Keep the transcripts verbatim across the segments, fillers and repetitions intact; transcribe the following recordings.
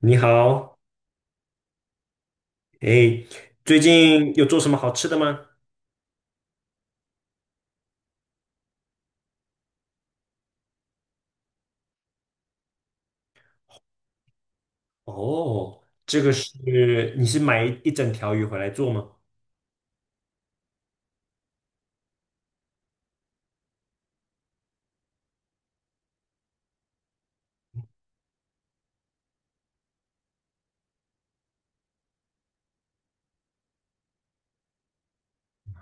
你好，哎，最近有做什么好吃的吗？哦，这个是你是买一整条鱼回来做吗？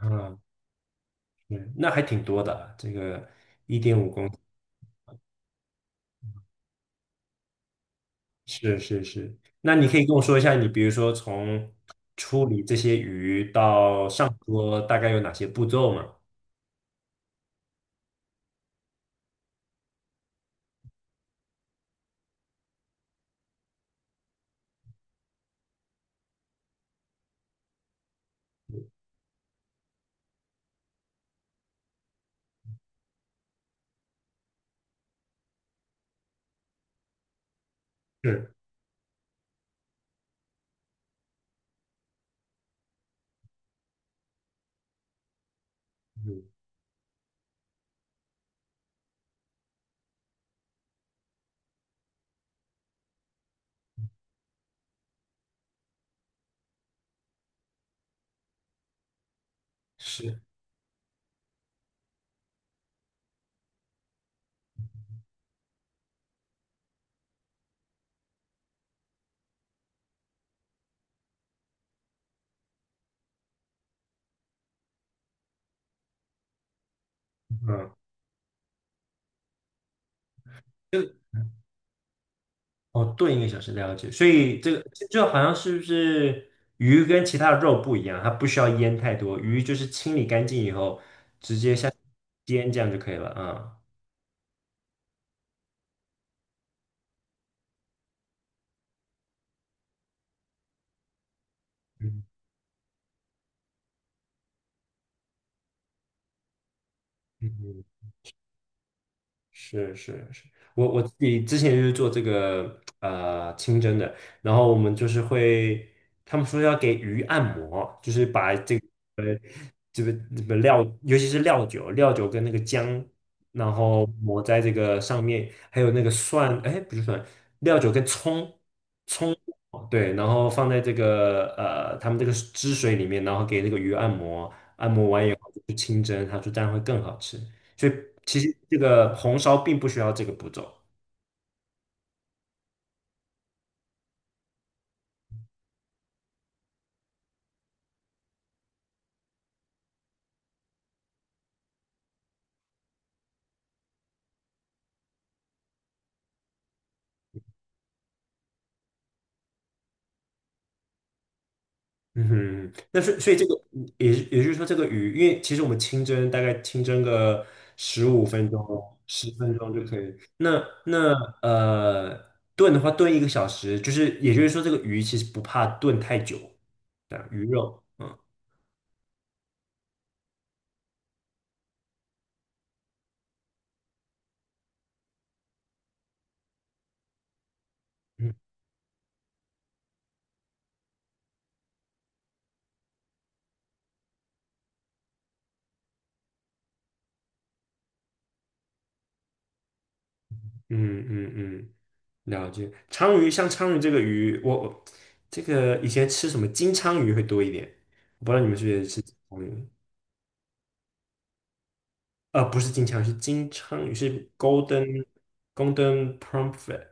啊，嗯，那还挺多的啊这个一点五公斤，是是是。那你可以跟我说一下，你比如说从处理这些鱼到上桌，大概有哪些步骤吗？是，嗯，是，嗯。就。哦，炖一个小时，了解。所以这个这就好像是不是鱼跟其他的肉不一样，它不需要腌太多，鱼就是清理干净以后直接下去煎这样就可以了啊。嗯嗯嗯，是是是，我我自己之前就是做这个呃清蒸的，然后我们就是会，他们说要给鱼按摩，就是把这个呃这个这个料，尤其是料酒，料酒跟那个姜，然后抹在这个上面，还有那个蒜，哎，不是蒜，料酒跟葱，葱，对，然后放在这个呃他们这个汁水里面，然后给这个鱼按摩，按摩完以后就清蒸，他说这样会更好吃。所以其实这个红烧并不需要这个步骤。嗯哼，那所所以这个也是也就是说，这个鱼，因为其实我们清蒸大概清蒸个十五分钟、十分钟就可以。那那呃炖的话，炖一个小时，就是也就是说，这个鱼其实不怕炖太久，对啊，鱼肉，嗯嗯嗯嗯嗯，了解。鲳鱼像鲳鱼这个鱼，我我这个以前吃什么金鲳鱼会多一点，我不知道你们是不是也吃鲳鱼？呃，不是金枪鱼，是金枪鱼，是 Golden Golden Pomfret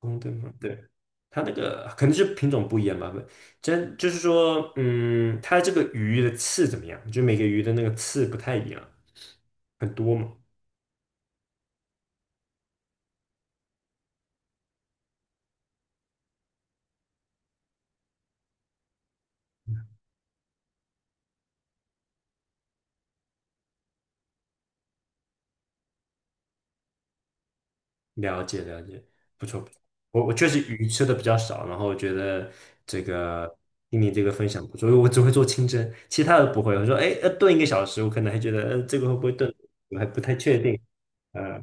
Golden p o 对，它那个可能是品种不一样吧，不，真就是说，嗯，它这个鱼的刺怎么样？就每个鱼的那个刺不太一样，很多嘛。了解了解，不错不错。我我确实鱼吃的比较少，然后我觉得这个听你这个分享不错，因为我只会做清蒸，其他的不会。我说，哎，要炖一个小时，我可能还觉得，呃，这个会不会炖？我还不太确定。呃。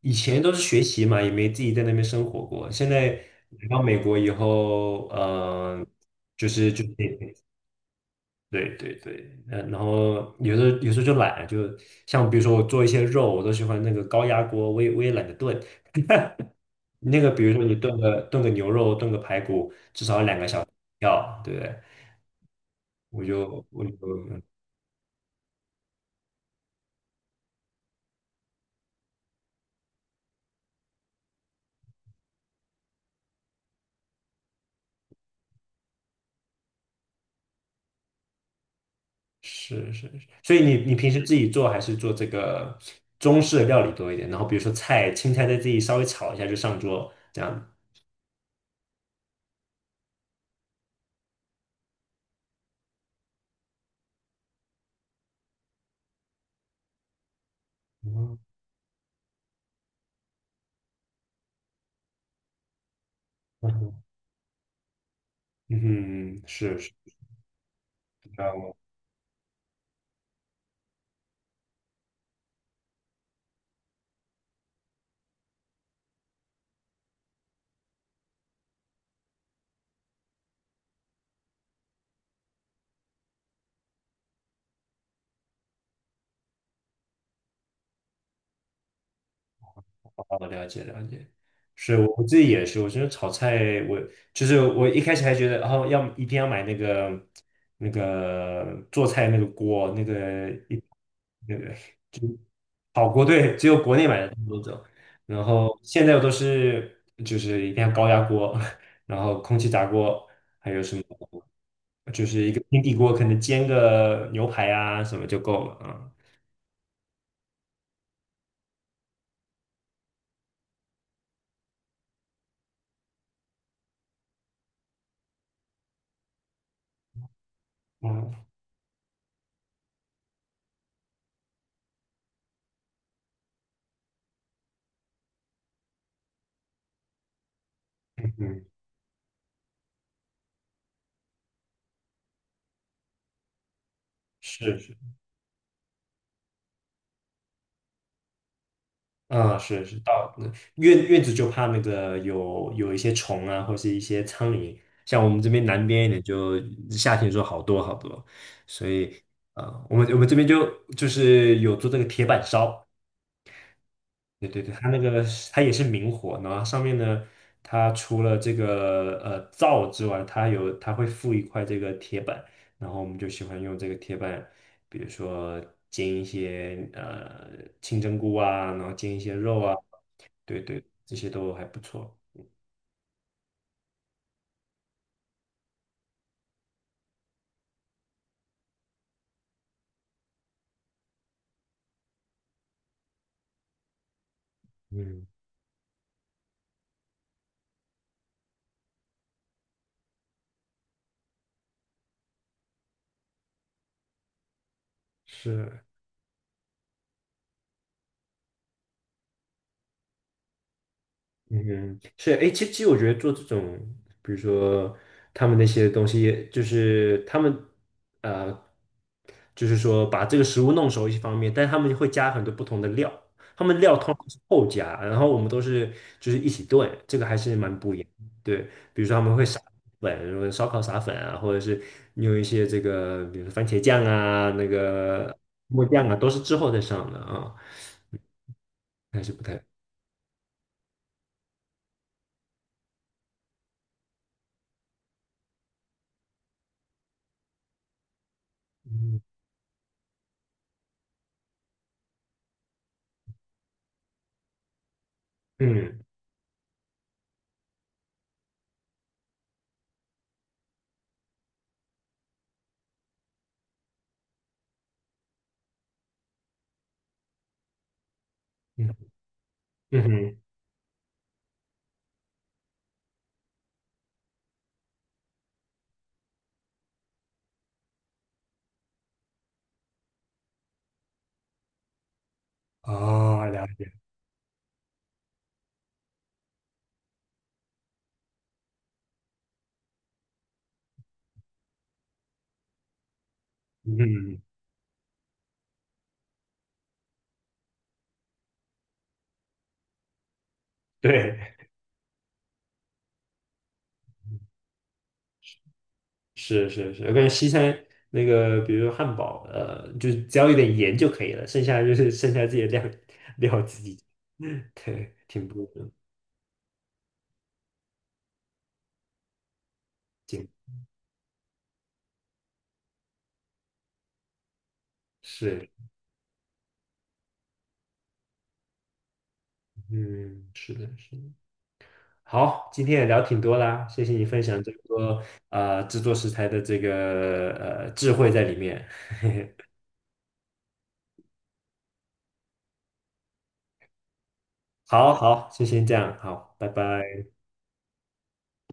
以前都是学习嘛，也没自己在那边生活过。现在来到美国以后，嗯，就是就是对对对，嗯，然后有时候有时候就懒，就像比如说我做一些肉，我都喜欢那个高压锅，我也我也懒得炖。那个比如说你炖个炖个牛肉，炖个排骨，至少要两个小时，对不对？我就我就是是是，所以你你平时自己做还是做这个中式的料理多一点？然后比如说菜，青菜再自己稍微炒一下就上桌这样。嗯嗯嗯，是是，哦，了解了解，是我自己也是，我觉得炒菜，我就是我一开始还觉得，哦，要一定要买那个那个做菜那个锅，那个一那个就好锅，对，只有国内买的那种。然后现在我都是就是一定要高压锅，然后空气炸锅，还有什么就是一个平底锅，可能煎个牛排啊什么就够了啊。嗯嗯，是。嗯，是是，到那院院子就怕那个有有一些虫啊，或是一些苍蝇。像我们这边南边一点就，夏天的时候好多好多，所以呃，我们我们这边就就是有做这个铁板烧，对对对，它那个是它也是明火，然后上面呢，它除了这个呃灶之外，它有它会附一块这个铁板，然后我们就喜欢用这个铁板，比如说煎一些呃清蒸菇啊，然后煎一些肉啊。对对，这些都还不错。嗯，是，嗯，是，哎，其实其实我觉得做这种，比如说他们那些东西，就是他们呃，就是说把这个食物弄熟一方面，但他们会加很多不同的料，他们料通常是后加，然后我们都是就是一起炖，这个还是蛮不一样的对，比如说他们会撒粉，如果烧烤撒粉啊，或者是用一些这个，比如说番茄酱啊，那个木酱啊，都是之后再上的啊。还是不太，嗯嗯嗯，嗯哼，哦，了解，嗯，对，是是是，我感觉西餐那个，比如汉堡，呃，就只要有点盐就可以了，剩下就是剩下自己的料料自己，对，挺不错的，挺是，嗯，是的，是的。好，今天也聊挺多啦，谢谢你分享这么多呃制作食材的这个呃智慧在里面。好好，就先这样，好，拜拜。